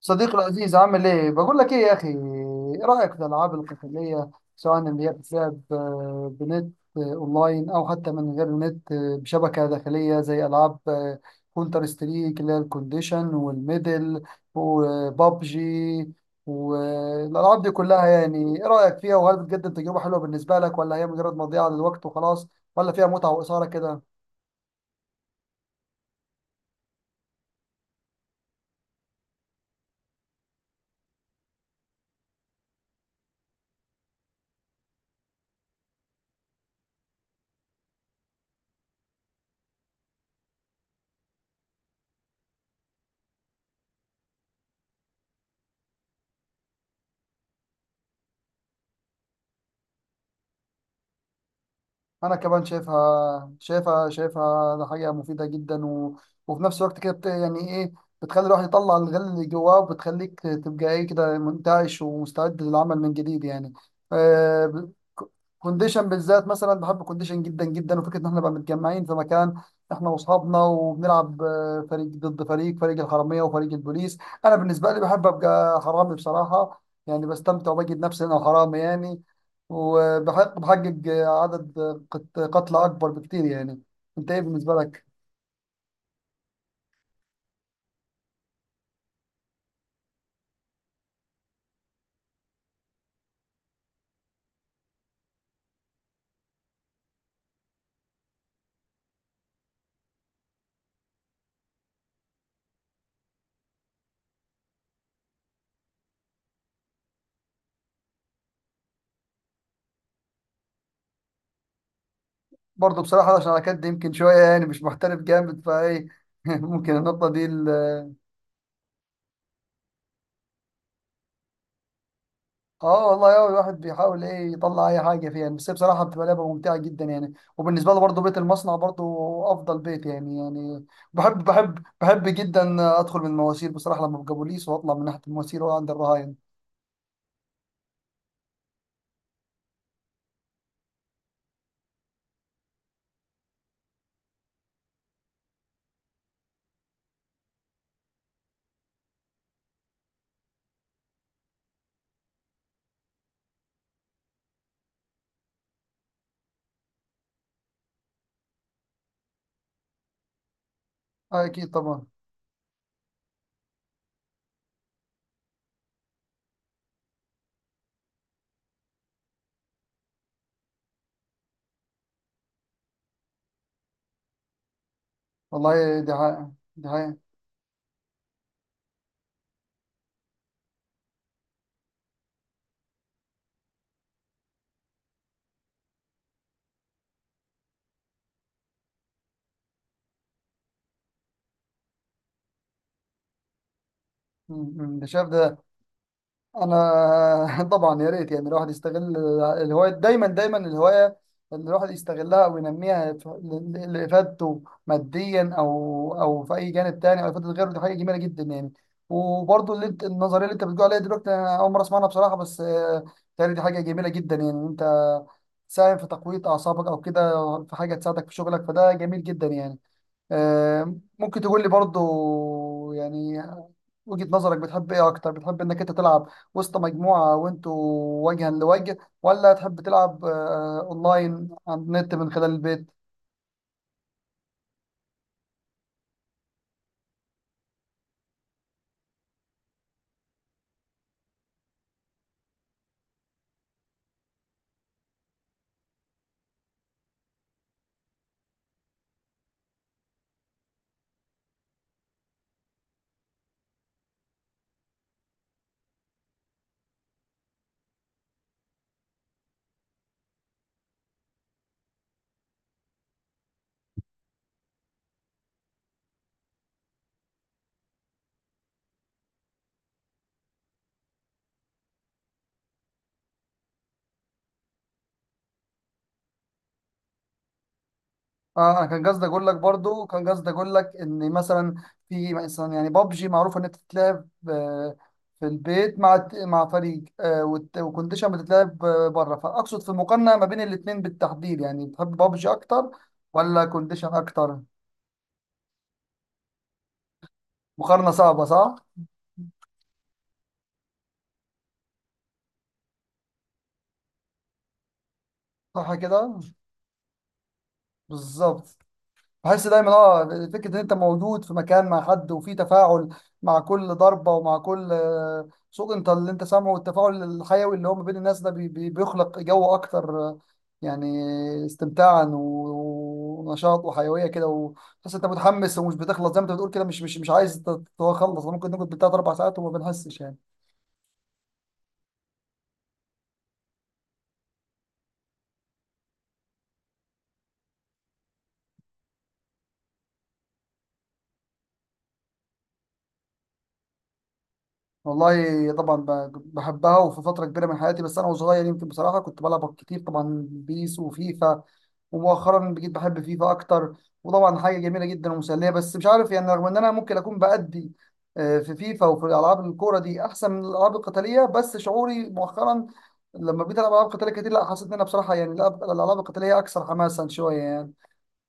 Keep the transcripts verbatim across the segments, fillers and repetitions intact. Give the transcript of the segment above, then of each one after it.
صديقي العزيز عامل ايه؟ بقول لك ايه يا اخي، ايه رأيك في الالعاب القتالية سواء اللي هي بتلعب، آه، بنت، آه، اونلاين او حتى من غير نت، آه، بشبكة داخلية زي العاب آه، كونتر ستريك اللي هي الكونديشن والميدل وبابجي؟ والالعاب دي كلها يعني ايه رأيك فيها؟ وهل بتقدم تجربة حلوة بالنسبة لك، ولا هي مجرد مضيعة للوقت وخلاص، ولا فيها متعة وإثارة كده؟ انا كمان شايفها شايفها شايفها، ده حاجه مفيده جدا و... وفي نفس الوقت كده بت... يعني ايه، بتخلي الواحد يطلع الغل اللي جواه، وبتخليك تبقى ايه كده، منتعش ومستعد للعمل من جديد يعني. آه... ب- ك- كونديشن بالذات مثلا بحب كونديشن جدا جدا، وفكره ان احنا نبقى متجمعين في مكان، احنا واصحابنا، وبنلعب آه، فريق ضد فريق، فريق الحراميه وفريق البوليس. انا بالنسبه لي بحب ابقى حرامي بصراحه، يعني بستمتع وبجد نفسي انا حرامي يعني. وبحقق بحقق عدد قت- قتلى أكبر بكتير يعني. أنت إيه بالنسبة لك؟ برضه بصراحة عشان على كد يمكن شوية يعني مش محترف جامد فإيه ممكن النقطة دي ال- اه والله هو الواحد بيحاول ايه يطلع اي حاجه فيها يعني، بس هي بصراحه بتبقى لعبه ممتعه جدا يعني. وبالنسبه لي برضه بيت المصنع برضه افضل بيت يعني يعني. بحب بحب بحب جدا ادخل من المواسير بصراحه لما ببقى بوليس، واطلع من ناحيه المواسير، واقعد عند الرهاين. آه اكيد طبعا. والله دي حقيقة دي حقيقة. م- م. ده شايف ده. انا طبعا يا ريت يعني الواحد يستغل الهوايه، دايما دايما الهوايه اللي الواحد يستغلها وينميها في- ل- لافادته ماديا، او او في اي جانب تاني، او افاده غيره، دي حاجه جميله جدا يعني. وبرضه اللي انت النظريه اللي انت بتقول عليها دلوقتي انا اول مره اسمعها بصراحه، بس آه، بيتهيألي دي حاجه جميله جدا يعني، إن انت تساهم في تقويه اعصابك او كده، في حاجه تساعدك في شغلك، فده جميل جدا يعني. آه، ممكن تقول لي برضو يعني وجهة نظرك، بتحب ايه اكتر؟ بتحب انك انت تلعب وسط مجموعة وانتوا وجها لوجه، ولا تحب تلعب آه، اونلاين على النت من خلال البيت؟ اه انا كان قصدي اقول لك برضو، كان قصدي اقول لك ان مثلا في مثلا يعني بابجي معروفة ان انت تتلعب آه، في البيت مع مع فريق، آه، وت- وكونديشن بتتلعب آه، بره، فاقصد في المقارنة ما بين الاتنين بالتحديد يعني. بتحب بابجي اكتر ولا كونديشن اكتر؟ مقارنة صعبة صح؟ صح كده؟ بالظبط. بحس دايما اه، فكرة ان انت موجود في مكان مع حد وفي تفاعل مع كل ضربة ومع كل آه، صوت انت اللي انت سامعه، والتفاعل الحيوي اللي هو ما بين الناس ده بي- بي- بيخلق جو اكتر، آه، يعني استمتاعا و- ونشاط وحيوية كده، وتحس انت متحمس ومش بتخلص زي ما انت بتقول كده، مش مش مش عايز تخلص. ممكن نقعد بالثلاث اربع ساعات وما بنحسش يعني. والله طبعا ب- بحبها، وفي فترة كبيرة من حياتي بس أنا وصغير يمكن بصراحة كنت بلعب كتير طبعا بيس وفيفا. ومؤخرا بقيت بحب فيفا أكتر، وطبعا حاجة جميلة جدا ومسلية، بس مش عارف يعني رغم إن أنا ممكن أكون بأدي آه، في فيفا وفي ألعاب الكورة دي أحسن من الألعاب القتالية، بس شعوري مؤخرا لما بقيت ألعب ألعاب قتالية كتير لا، حسيت إن أنا بصراحة يعني الألعاب الألعاب القتالية أكثر حماسا شوية يعني.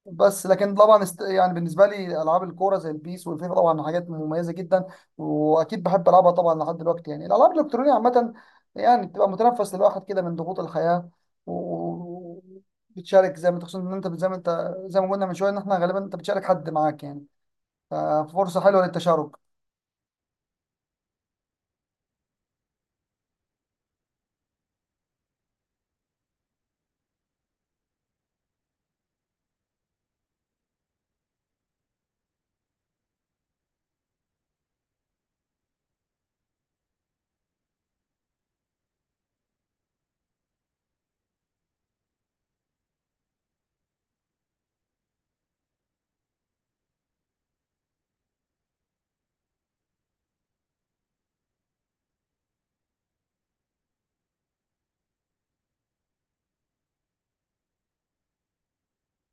بس لكن طبعا است... يعني بالنسبه لي العاب الكوره زي البيس والفيفا طبعا حاجات مميزه جدا، واكيد بحب العبها طبعا لحد دلوقتي يعني. الالعاب الالكترونيه عامه يعني بتبقى متنفس للواحد كده من ضغوط الحياه، و... بتشارك زي ما تقصد ان انت زي ما انت زي ما قلنا من شويه ان احنا غالبا انت بتشارك حد معاك يعني، ففرصه حلوه للتشارك.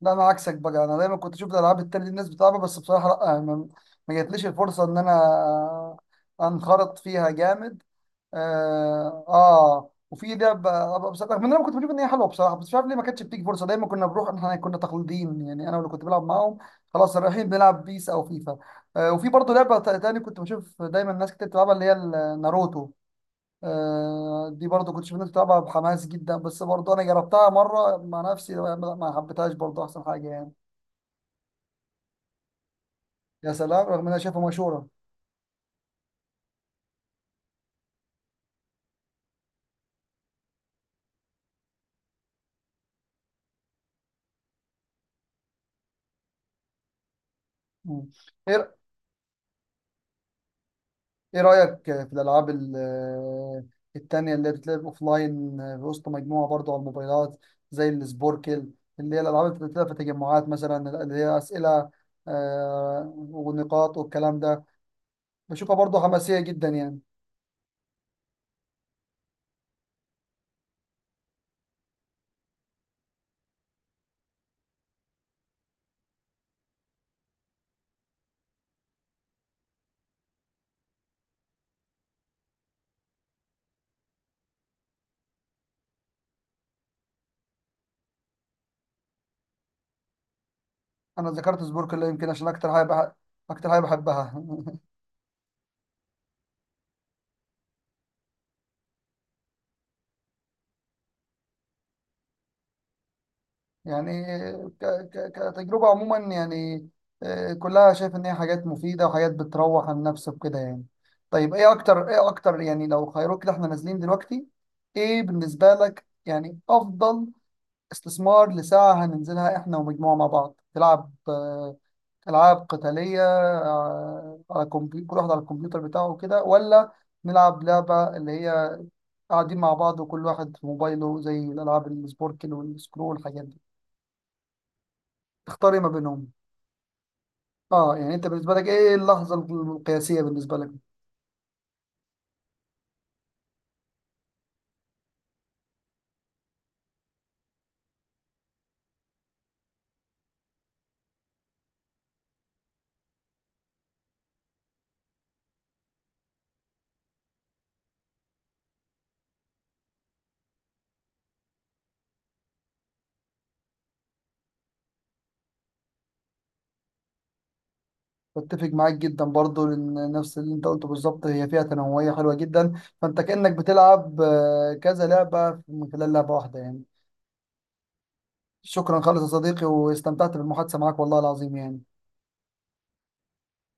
لا انا عكسك بقى، انا دايما كنت اشوف الالعاب التانية دي الناس بتلعبها، بس بصراحه لا، ما ما جاتليش الفرصه ان انا انخرط فيها جامد. اه، آه. وفي ده ب- ابقى بصراحه من انا كنت بشوف ان هي حلوه بصراحه، بس مش عارف ليه ما كانتش بتيجي فرصه. دايما كنا بنروح، احنا كنا تقليديين يعني، انا واللي كنت بلعب معاهم خلاص رايحين بنلعب بيس او فيفا. آه وفي برضه لعبه تا- تاني كنت بشوف دايما ناس كتير بتلعبها اللي هي ال- ناروتو. آه دي برضه كنت شايف ناس بتلعبها بحماس جدا، بس برضه انا جربتها مره مع نفسي ما ما حبيتهاش برضه، احسن حاجه يعني. يا سلام، رغم ان انا شايفها مشهوره. مم. ايه ايه رأيك في الالعاب ال- التانية اللي بتتلعب اوفلاين في وسط مجموعة برضو على الموبايلات، زي السبوركل، اللي هي الالعاب اللي بتتلعب في تجمعات مثلا، اللي هي اسئلة آه، ونقاط والكلام ده؟ بشوفها برضو حماسية جدا يعني. انا ذكرت سبوركل يمكن عشان اكتر حاجة بح- اكتر حاجة بحبها يعني ك ك كتجربة عموما يعني، آه، كلها شايف ان هي حاجات مفيدة وحاجات بتروح عن النفس وكده يعني. طيب ايه اكتر، ايه اكتر يعني لو خيروك كده، احنا نازلين دلوقتي ايه بالنسبة لك يعني افضل استثمار لساعة هننزلها احنا ومجموعة مع بعض؟ تلعب آه، العاب قتالية آه، على كمبيوتر، كل واحد على الكمبيوتر بتاعه وكده، ولا نلعب لعبة اللي هي قاعدين مع بعض وكل واحد في موبايله زي الالعاب السبوركل والسكرو والحاجات دي؟ تختاري ما بينهم. اه يعني انت بالنسبه لك ايه اللحظه القياسيه بالنسبه لك؟ بتفق معاك جدا برضو، لان نفس اللي انت قلته بالظبط، هي فيها تنوعيه حلوه جدا، فانت كانك بتلعب آه، كذا لعبه من خلال لعبه واحده يعني. شكرا خالص يا صديقي، واستمتعت بالمحادثه معاك والله العظيم يعني.